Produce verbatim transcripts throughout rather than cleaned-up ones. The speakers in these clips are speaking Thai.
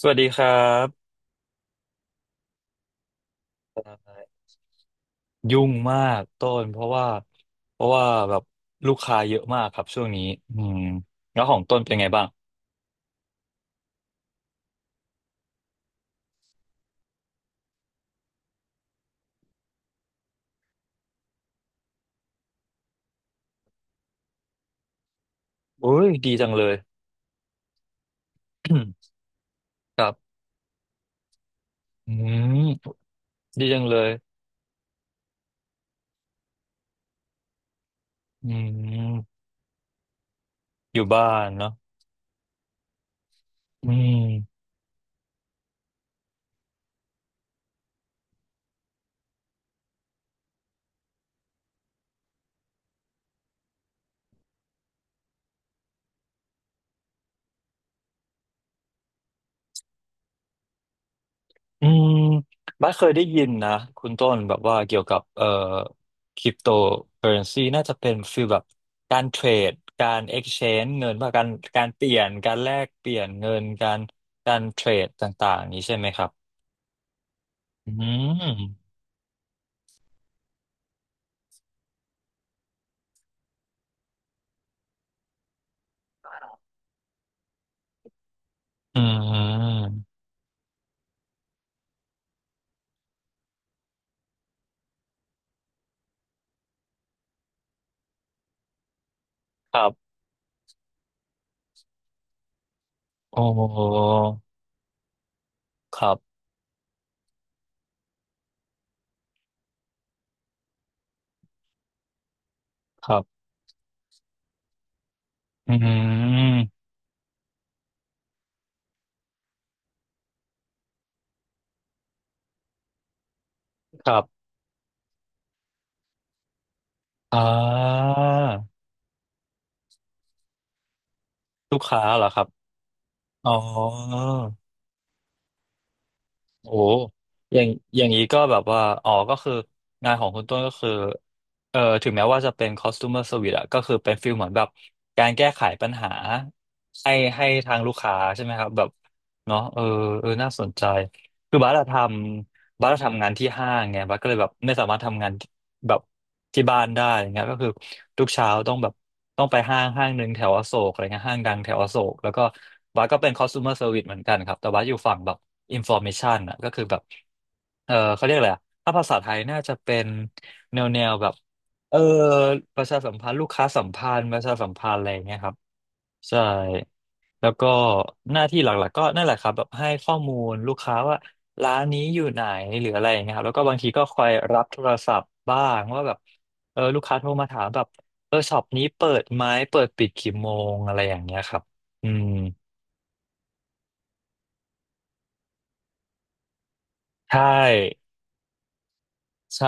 สวัสดีครับเอ่อยุ่งมากต้นเพราะว่าเพราะว่าแบบลูกค้าเยอะมากครับช่วงนี้อืมแล้วของต้นเป็นไงบ้างโอ้ยดีจังเลย ครับอืมดีจังเลยอืมอยู่บ้านเนาะอืม อืมบัสเคยได้ยินนะคุณต้นแบบว่าเกี่ยวกับเอ่อคริปโตเคอเรนซีน่าจะเป็นฟีลแบบการเทรดการเอ็กเอ็กซ์เช g e เงินว่าการการเปลี่ยนการแลกเปลี่ยนเงินการการเทรดต่างๆนี้ใช่ไหมครับอืมอืมครับโอ้ครับครับอืมครับอ่าลูกค้าเหรอครับอ๋อ โอ้โหอย่างอย่างนี้ก็แบบว่าอ๋อก็คืองานของคุณต้นก็คือเอ่อถึงแม้ว่าจะเป็น customer service อะก็คือเป็นฟิลเหมือนแบบการแก้ไขปัญหาให้ให้ทางลูกค้าใช่ไหมครับแบบเนาะเออเออน่าสนใจคือบาร์ทำบาร์ทำงานที่ห้างไงบาร์ก็เลยแบบไม่สามารถทำงาน แบบที่บ้านได้อย่างเงี้ยก็คือทุกเช้าต้องแบบต้องไปห้างห้างหนึ่งแถวอโศกอะไรเงี้ยห้างดังแถวอโศกแล้วก็บัสก็เป็น customer service เหมือนกันครับแต่บัสอยู่ฝั่งแบบ information อ่ะก็คือแบบเออเขาเรียกอะไรอะถ้าภาษาไทยน่าจะเป็นแนวแนวแบบเออประชาสัมพันธ์ลูกค้าสัมพันธ์ประชาสัมพันธ์อะไรอย่างเงี้ยครับ ใช่แล้วก็หน้าที่หลักๆก็นั่นแหละครับแบบให้ข้อมูลลูกค้าว่าร้านนี้อยู่ไหนหรืออะไรอย่างเงี้ยครับแล้วก็บางทีก็คอยรับโทรศัพท์บ้างว่าแบบเออลูกค้าโทรมาถามแบบเออช็อปนี้เปิดไหมเปิดปิดกี่โมงอะไรอย่างเงี้ยครับอืมใช่ใช่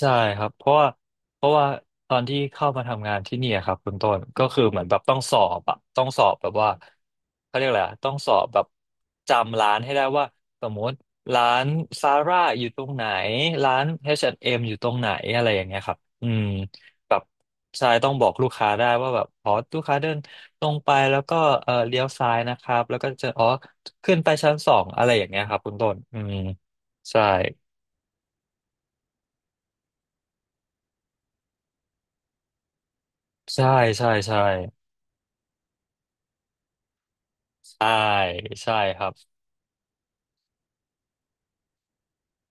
ใช่ครับเพราะว่าเพราะว่าตอนที่เข้ามาทำงานที่เนี่ยครับคุณต้นก็คือเหมือนแบบต้องสอบอะต้องสอบแบบว่าเขาเรียกอะไรอะต้องสอบแบบจำร้านให้ได้ว่าสมมติร้านซาร่าอยู่ตรงไหนร้าน เอช แอนด์ เอ็ม อชแอนด์เอ็มอยู่ตรงไหนอะไรอย่างเงี้ยครับอืมแบบใช่ต้องบอกลูกค้าได้ว่าแบบอ๋อลูกค้าเดินตรงไปแล้วก็เออเลี้ยวซ้ายนะครับแล้วก็จะอ๋อขึ้นไปชั้นสองอะไรอย่างเงี้ยครับคุณต้นอืมใช่ใช่ใช่ใช่ ใช่ใช่ครับ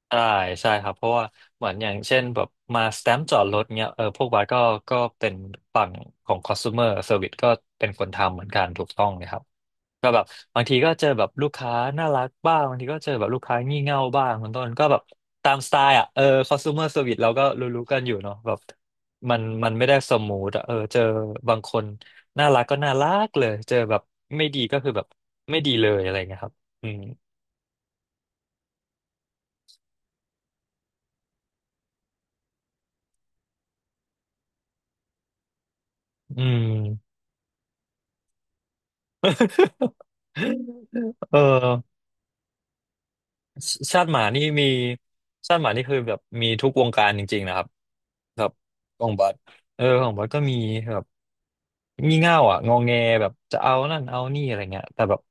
ใช่ใช่ครับเพราะว่าเหมือนอย่างเช่นแบบมาสแตมป์จอดรถเนี้ยเออพวกบาสก็ก็เป็นฝั่งของ consumer service ก็เป็นคนทำเหมือนกันถูกต้องเลยครับก็แบบบางทีก็เจอแบบลูกค้าน่ารักบ้างบางทีก็เจอแบบลูกค้างี่เง่าบ้างคุณต้นก็แบบตามสไตล์อ่ะเออ consumer service เราก็รู้ๆกันอยู่เนาะแบบมันมันไม่ได้สมูทอะเออเจอบางคนน่ารักก็น่ารักเลยเจอแบบไม่ดีก็คือแบบไม่ดีเลยอะไรเงี้ยครับอืมอืม เออชชาติหมานี่มีชาติหมานี่คือแบบมีทุกวงการจริงๆนะครับแบบของบัสเออของบัสก็มีแบบงี่เง่าอ่ะงอแงแบบจะเอานั่นเอานี่อะไรเงี้ยแต่แบบ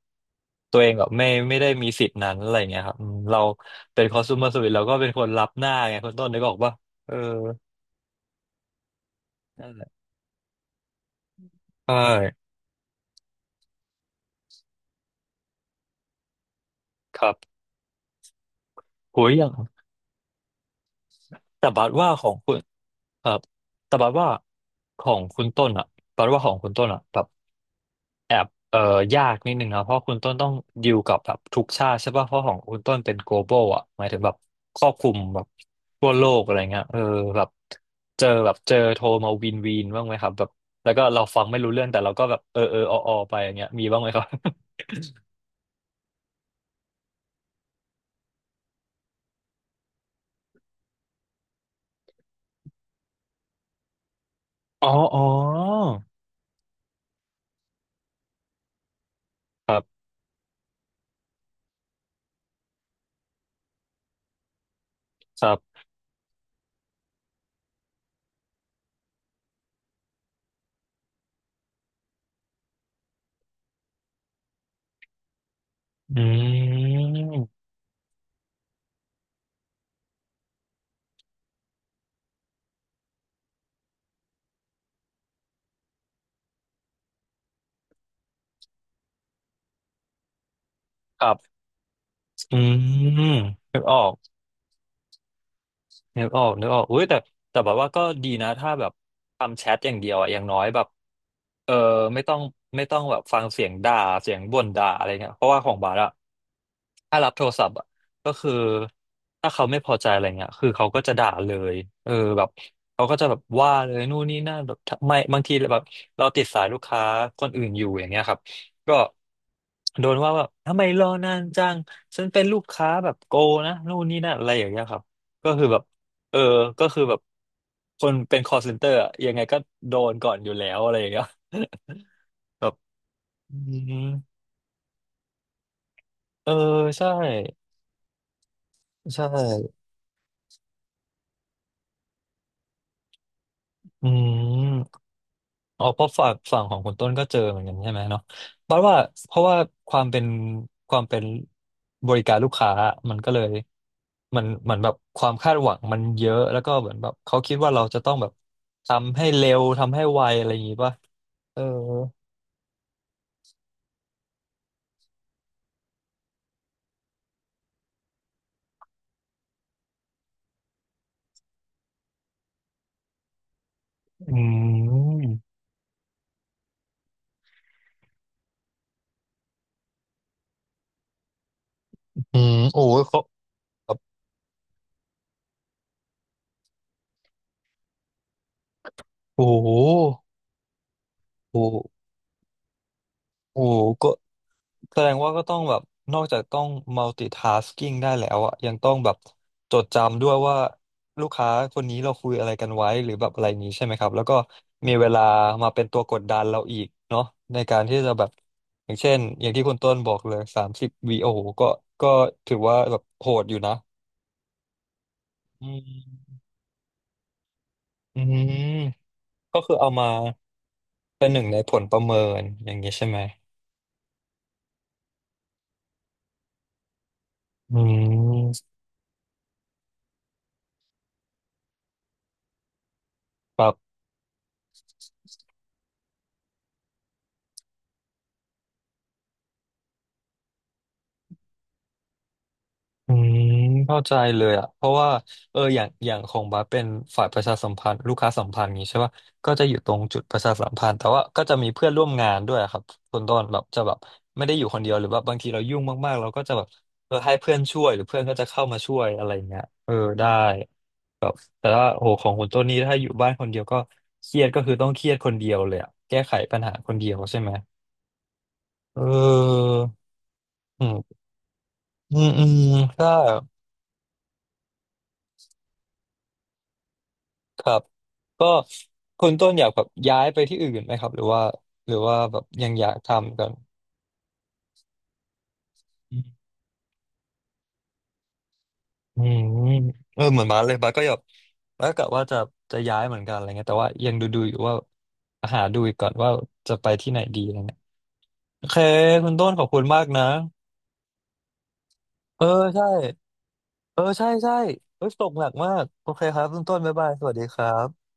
ตัวเองแบบไม่ไม่ได้มีสิทธิ์นั้นอะไรเงี้ยครับอืมเราเป็นคอเอส u m ม r service เซอรวิสเราก็เป็นคนรับหน้าไงคนต้นนึกออกปะเออนั่นแหละใช่ครับโหยอย่างแต่บัดว่าของคุณครับแต่บัดว่าของคุณต้นอ่ะบัดว่าของคุณต้นอ่ะแบบ แอบเอ่อยากนิดนึงนะเพราะคุณต้นต้องดิวกับแบบทุกชาติใช่ป่ะเพราะของคุณต้นเป็น global อ่ะหมายถึงแบบครอบคลุมแบบทั่วโลกอะไรเงี้ยเออแบบเจอแบบเจอโทรมาวินวินบ้างไหมครับแบบแล้วก็เราฟังไม่รู้เรื่องแต่เราก็แบบเออเออออออไปอย่างเงี้ยมีบ้างไหมครับ อ๋ออ๋อครับครับอืมครับอืมนึกออก นึกออกนึกออกอุ้ยแต่แต่แบบว่าก็ดีนะถ้าแบบทำแชทอย่างเดียวอะอย่างน้อยแบบเออไม่ต้องไม่ต้องแบบฟังเสียงด่าเสียงบ่นด่าอะไรเงี้ยเพราะว่าของบาร์อะถ้ารับโทรศัพท์อะก็คือถ้าเขาไม่พอใจอะไรเงี้ยคือเขาก็จะด่าเลยเออแบบเขาก็จะแบบว่าเลยนู่นนี่นั่นแบบทำไม่บางทีแบบเราติดสายลูกค้าคนอื่นอยู่อย่างเงี้ยครับก็โดนว่าแบบทำไมรอนานจังฉันเป็นลูกค้าแบบโกนะนู่นนี่นั่นอะไรอย่างเงี้ยครับก็คือแบบ เออ ก็คือแบบคนเป็น call center อะยังไงก็โดนก่อนอยู่แล้วอะไรอย่างเงี้ย แบบอืมเออใช่ใช่อืมอ๋อเพราะฝั่งฝั่งของคุณต้นก็เจอเหมือนกันใช่ไหมเนาะบัดว่าเพราะว่าความเป็นความเป็นบริการลูกค้ามันก็เลยมันเหมือนแบบความคาดหวังมันเยอะแล้วก็เหมือนแบบเขาคิดว่าเราจะต้องแบบทำให้เร็วทำให้ไวอะไรอย่างงี้ป่ะเอออืมอืมโอ้ยเขา โอ้โหโอ้โหโอ้โหก็แสดงว่าก็ต้องแบบนอกจากต้อง multitasking ได้แล้วอะยังต้องแบบจดจำด้วยว่าลูกค้าคนนี้เราคุยอะไรกันไว้หรือแบบอะไรอย่างนี้ใช่ไหมครับแล้วก็มีเวลามาเป็นตัวกดดันเราอีกเนาะในการที่จะแบบอย่างเช่นอย่างที่คุณต้นบอกเลยสามสิบวีโอโหก็ก็ถือว่าแบบโหดอยู่นะอืมอืมก็คือเอามาเป็นหนึ่งในผลประเมินอย่างนี้ใช่ไหมอืมครับ อืมเข้าใจเลยอ่ะเพราะว่าเอออย่างอย่างของบัสเป็นฝ่ายประชาสัมพันธ์ลูกค้าสัมพันธ์อย่างงี้ใช่ป่ะก็จะอยู่ตรงจุดประชาสัมพันธ์แต่ว่าก็จะมีเพื่อนร่วมงานด้วยอะครับคนต้นแบบจะแบบไม่ได้อยู่คนเดียวหรือว่าบางทีเรายุ่งมากๆเราก็จะแบบเออให้เพื่อนช่วยหรือเพื่อนก็จะเข้ามาช่วยอะไรเงี้ยเออได้แต่ว่าโหของคนต้นนี้ถ้าอยู่บ้านคนเดียวก็เครียดก็คือต้องเครียดคนเดียวเลยอ่ะแก้ไขปัญหาคนเดียวใช่ไหมเอออืมอืมอืมใช่ ครับก็คุณต้นอยากแบบย้ายไปที่อื่นไหมครับหรือว่าหรือว่าแบบยังอยากทำกันอืมเออเหมือนบาสเลยบาสก็แบบบาสกะว่าจะจะย้ายเหมือนกันอะไรเงี้ยแต่ว่ายังดูดูอยู่ว่าหาดูอีกก่อนว่าจะไปที่ไหนดีอะไรเงี้ยโอเคคุณต้นขอบคุณมากนะเออใช่เออใช่ใช่เออตกหนักมากโอเคครับคุณต้นบ๊ายบายสวัสดีครับ